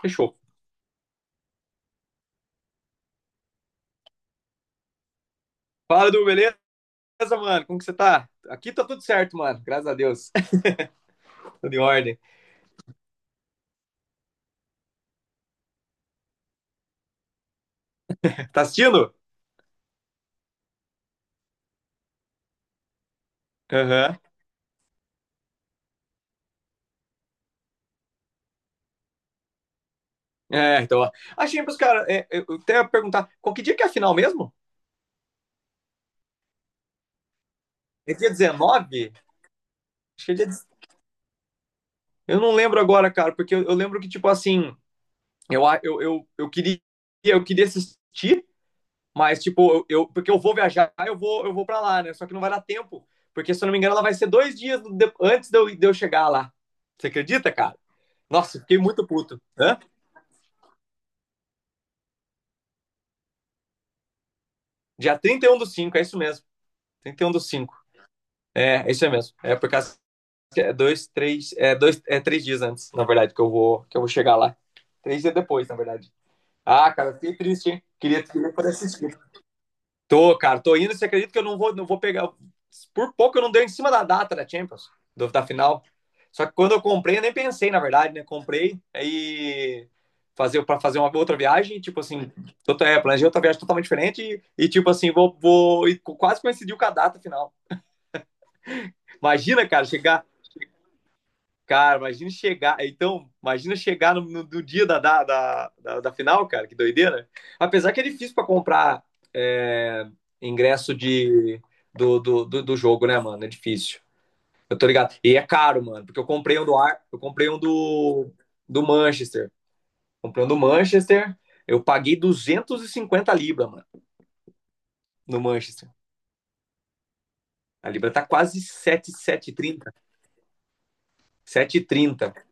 Fechou. Fala, Du, beleza, mano? Como que você tá? Aqui tá tudo certo, mano. Graças a Deus. Tudo em ordem. Tá assistindo? Aham. É, então, ó. A Champions, cara, é, eu até ia perguntar, qual que dia que é a final mesmo? É dia 19? Acho que é dia. Eu não lembro agora, cara, porque eu lembro que, tipo, assim, eu queria, eu queria assistir, mas, tipo, porque eu vou viajar, eu vou pra lá, né? Só que não vai dar tempo, porque, se eu não me engano, ela vai ser antes de eu chegar lá. Você acredita, cara? Nossa, fiquei muito puto. Hã? Dia 31/5 é isso mesmo. 31 do 5. É, é isso mesmo. É por causa que é dois, três, é dois, é três dias antes, na verdade, que eu vou chegar lá. Três dias depois, na verdade. Ah, cara, fiquei triste, hein? Queria poder assistir. Tô, cara, tô indo. Você acredita que eu não vou, não vou pegar. Por pouco eu não dei em cima da data da Champions, da final. Só que quando eu comprei, eu nem pensei, na verdade, né? Comprei, aí fazer para fazer uma outra viagem, tipo assim, planejei outra viagem totalmente diferente e, tipo assim, quase coincidiu com a data final. Imagina, cara, chegar Cara, imagina chegar. Então, imagina chegar no dia da final, cara, que doideira. Apesar que é difícil pra comprar, é, ingresso de, do, do, do, do jogo, né, mano? É difícil. Eu tô ligado. E é caro, mano, porque eu comprei um do, do Manchester. Comprei um do Manchester, eu paguei £250, mano, no Manchester. A libra tá quase sete, 7,30. 7,30. Por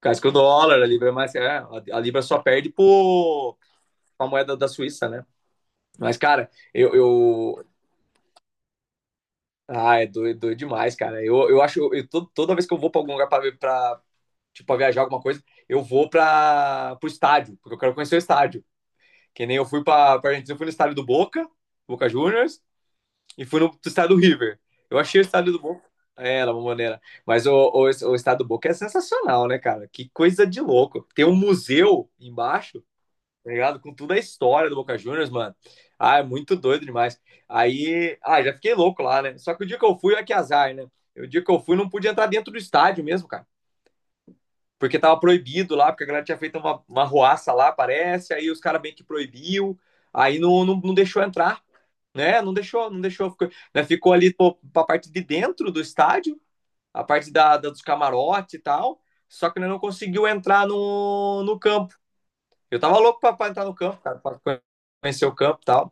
causa que o dólar, a libra é mais. É, a libra só perde por uma moeda da Suíça, né? Mas, cara, Ah, é doido, doido demais, cara. Eu acho. Toda vez que eu vou pra algum lugar pra, tipo, pra viajar alguma coisa, pro estádio, porque eu quero conhecer o estádio. Que nem eu fui pra Argentina, eu fui no estádio do Boca, Boca Juniors, e fui no estádio do River. Eu achei o estádio do Boca. É, La Bombonera. Mas o estádio do Boca é sensacional, né, cara? Que coisa de louco. Tem um museu embaixo, tá ligado? Com toda a história do Boca Juniors, mano. Ah, é muito doido demais. Aí, ah, já fiquei louco lá, né? Só que o dia que eu fui, é que azar, né? O dia que eu fui, não pude entrar dentro do estádio mesmo, cara. Porque tava proibido lá, porque a galera tinha feito uma ruaça lá, parece. Aí os caras bem que proibiu. Aí não deixou entrar, né? Não deixou. Ficou, né? Ficou ali pô, pra parte de dentro do estádio, a parte da dos camarotes e tal. Só que né, não conseguiu entrar no campo, eu tava louco pra entrar no campo, cara, pra conhecer o campo e tal.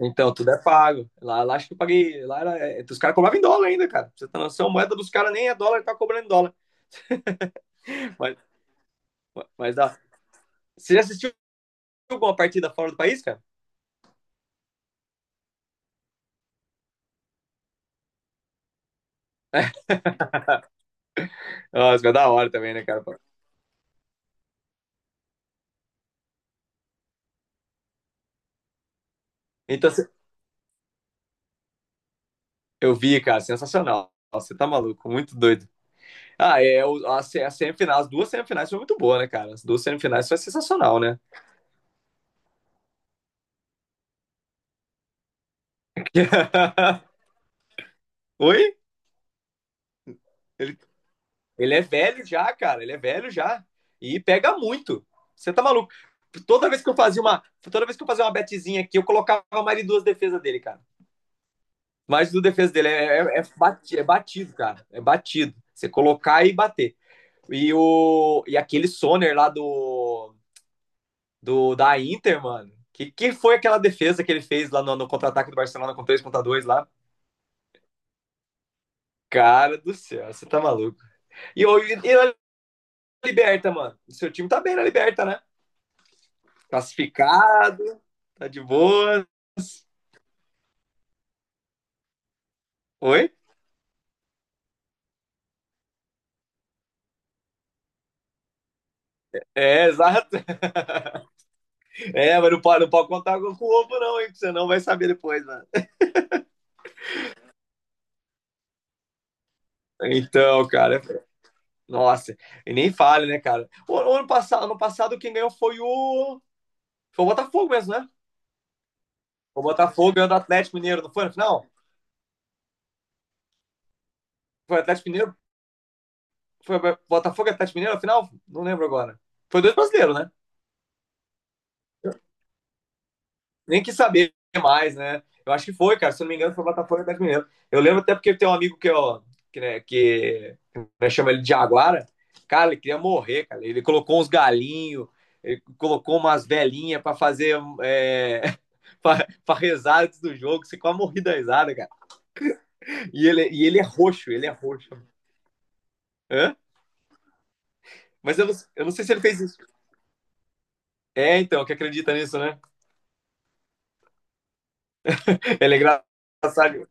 Então, tudo é pago. Lá, acho que eu paguei. Lá era, é, os caras cobravam em dólar ainda, cara. Pra você tá noção, a moeda dos caras nem é dólar, tá cobrando em dólar. Mas, mas dá. Você já assistiu alguma partida fora do país, cara? Ah, isso é da hora também, né, cara? Então, eu vi, cara, sensacional. Você tá maluco, muito doido. Ah, é, o- a, se- a semifinal, as duas semifinais foi muito boa, né, cara? As duas semifinais foi sensacional, né? Oi? Ele Ele é velho já, cara. Ele é velho já. E pega muito. Você tá maluco? Toda vez que eu fazia uma betezinha aqui, eu colocava mais de duas defesas dele, cara. Mais de duas defesas dele. É, é batido, é batido, cara. É batido. Você colocar e bater. E, o, e aquele Soner lá do, do da Inter, mano. Que foi aquela defesa que ele fez lá no contra-ataque do Barcelona com 3 contra 2 lá? Cara do céu, você tá maluco. E, e na Liberta, mano. O seu time tá bem na Liberta, né? Classificado, tá de boa. Oi? É, exato. É, mas não pode contar com o ovo, não, hein? Que você não vai saber depois, mano. Então, cara, nossa, e nem fale, né, cara? O ano passado, quem ganhou foi o. Foi o Botafogo mesmo, né? O Botafogo ganhou do Atlético Mineiro, não foi no final? Foi o Atlético Mineiro? Foi o Botafogo e Atlético Mineiro no final? Não lembro agora. Foi dois brasileiros, né? Nem quis saber mais, né? Eu acho que foi, cara. Se eu não me engano, foi o Botafogo e o Atlético Mineiro. Eu lembro até porque tem um amigo que, ó, que, né, chama ele de Jaguara. Cara, ele queria morrer, cara. Ele colocou uns galinhos, ele colocou umas velhinhas para é, para rezar antes do jogo, você quase morri da risada, cara. E ele, é roxo, ele é roxo. Hã? Mas eu não sei se ele fez isso. É, então, que acredita nisso, né? Ele é engraçado.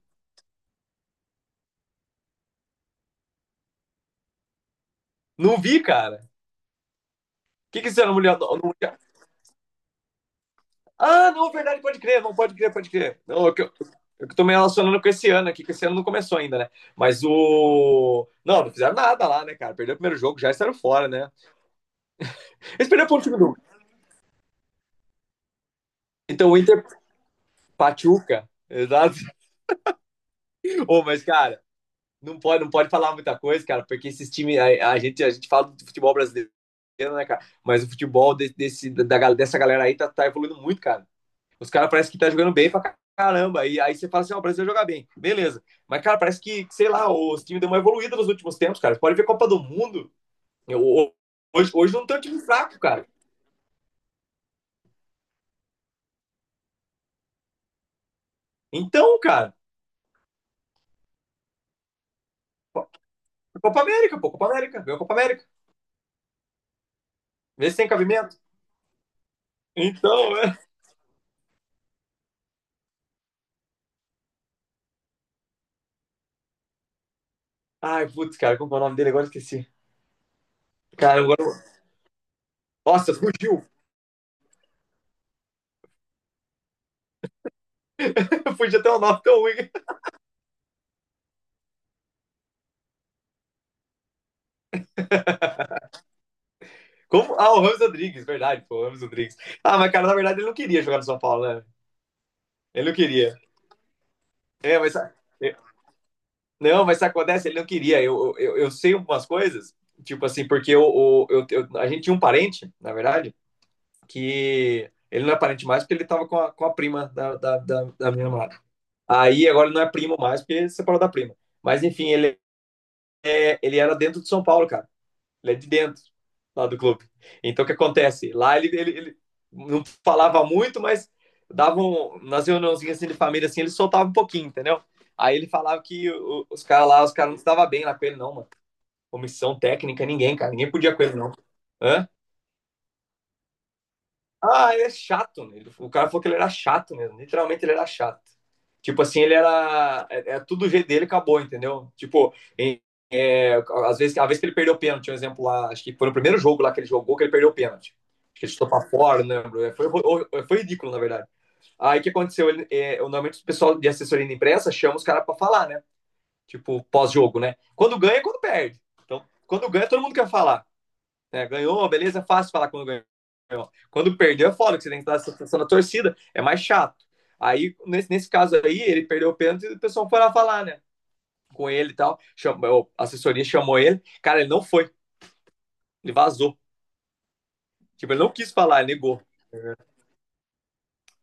Não vi, cara. O que, que isso era no Mundial? Ah, não, verdade, pode crer, não pode crer, pode crer. Não, eu é que tô me relacionando com esse ano aqui, que esse ano não começou ainda, né? Mas o. Não, não fizeram nada lá, né, cara? Perdeu o primeiro jogo, já estavam fora, né? Eles perderam para o time do. Então o Inter Pachuca, exato. Ô, mas, cara, não pode falar muita coisa, cara, porque esses times. A, a gente fala do futebol brasileiro, né, cara? Mas o futebol dessa galera aí tá evoluindo muito, cara. Os caras parecem que tá jogando bem pra caramba. E aí você fala assim, ó, oh, o Brasil vai jogar bem. Beleza. Mas, cara, parece que, sei lá, os times deu uma evoluída nos últimos tempos, cara. Você pode ver Copa do Mundo. Eu, hoje não tem um time fraco, cara. Então, cara, Copa América, pô, Copa América, ganhou Copa América. Vê se tem cabimento. Então, é. Ai, putz, cara, como é o nome dele? Agora esqueci. Cara, agora. Nossa, fugiu. Fugiu até o nome tão ruim. Como? Ah, o Ramos Rodrigues, verdade, pô, o Ramos Rodrigues. Ah, mas, cara, na verdade ele não queria jogar no São Paulo, né? Ele não queria. É, mas. é, Não, mas sabe o que acontece, ele não queria. Eu sei umas coisas, tipo assim, porque a gente tinha um parente, na verdade, que ele não é parente mais porque ele tava com a prima da minha namorada. Aí agora ele não é primo mais porque separou da prima. Mas enfim, ele, é, ele era dentro de São Paulo, cara. Ele é de dentro, lá do clube. Então, o que acontece? Lá ele não falava muito, mas davam, um, nas reuniãozinhas assim, de família, assim, ele soltava um pouquinho, entendeu? Aí ele falava que o, os caras lá, os caras não estavam bem lá com ele, não, mano. Comissão técnica, ninguém, cara. Ninguém podia com ele, não. Hã? Ah, ele é chato, né? O cara falou que ele era chato mesmo. Literalmente ele era chato. Tipo assim, ele era. É, é tudo o jeito dele acabou, entendeu? É, às vezes, a vez que ele perdeu o pênalti, um exemplo lá, acho que foi no primeiro jogo lá que ele jogou que ele perdeu o pênalti. Acho que ele chutou pra fora, não lembro. É, foi ridículo, na verdade. Aí o que aconteceu? Normalmente o pessoal de assessoria de imprensa chama os caras pra falar, né? Tipo, pós-jogo, né? Quando ganha, e quando perde. Então, quando ganha, todo mundo quer falar. É, ganhou, beleza, é fácil falar quando ganhou. Quando perdeu é foda, que você tem que dar a sensação da torcida, é mais chato. Aí, nesse caso aí, ele perdeu o pênalti e o pessoal foi lá falar, né? Com ele e tal. A assessoria chamou ele. Cara, ele não foi, ele vazou. Tipo, ele não quis falar, ele negou. Uhum.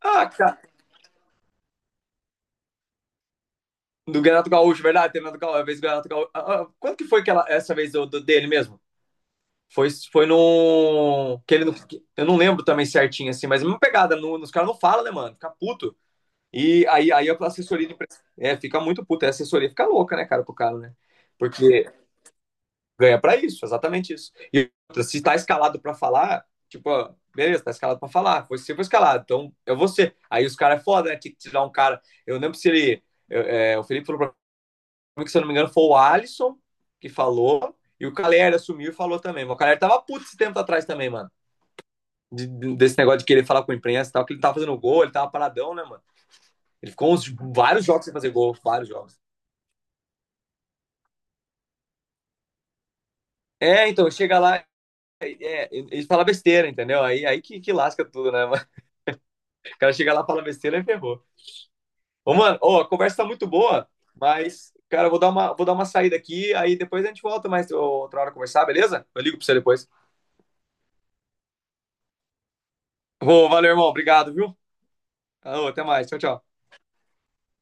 Ah, cara. Do Renato Gaúcho, verdade? Tem Renato Gaúcho, a vez do Renato Gaúcho. Ah, ah, que foi aquela, essa vez dele mesmo? Foi, foi no. Que ele não- eu não lembro também certinho, assim, mas a mesma pegada. No, os caras não falam, né, mano? Fica puto. E aí, aí a assessoria de imprensa é, fica muito puta. A assessoria fica louca, né, cara, pro cara, né? Porque ganha pra isso, exatamente isso. E outra, se tá escalado pra falar, tipo, ó, beleza, tá escalado pra falar. Você foi escalado, então é você. Aí os caras é foda, né? Tinha que tirar um cara. Eu lembro se ele. O Felipe falou pra mim que, se eu não me engano, foi o Alisson que falou. E o Caleri assumiu e falou também. O Caleri tava puto esse tempo atrás também, mano. Desse negócio de querer falar com a imprensa e tal, que ele tava fazendo gol, ele tava paradão, né, mano? Ele ficou uns, vários jogos sem fazer gol, vários jogos. É, então, chega lá, é, eles falam besteira, entendeu? Aí, que lasca tudo, né? Mas O cara chega lá, fala besteira e ferrou. Ô, mano, ó, a conversa tá muito boa, mas, cara, eu vou vou dar uma saída aqui, aí depois a gente volta mais outra hora conversar, beleza? Eu ligo pra você depois. Ô, valeu, irmão, obrigado, viu? Alô, até mais, tchau, tchau.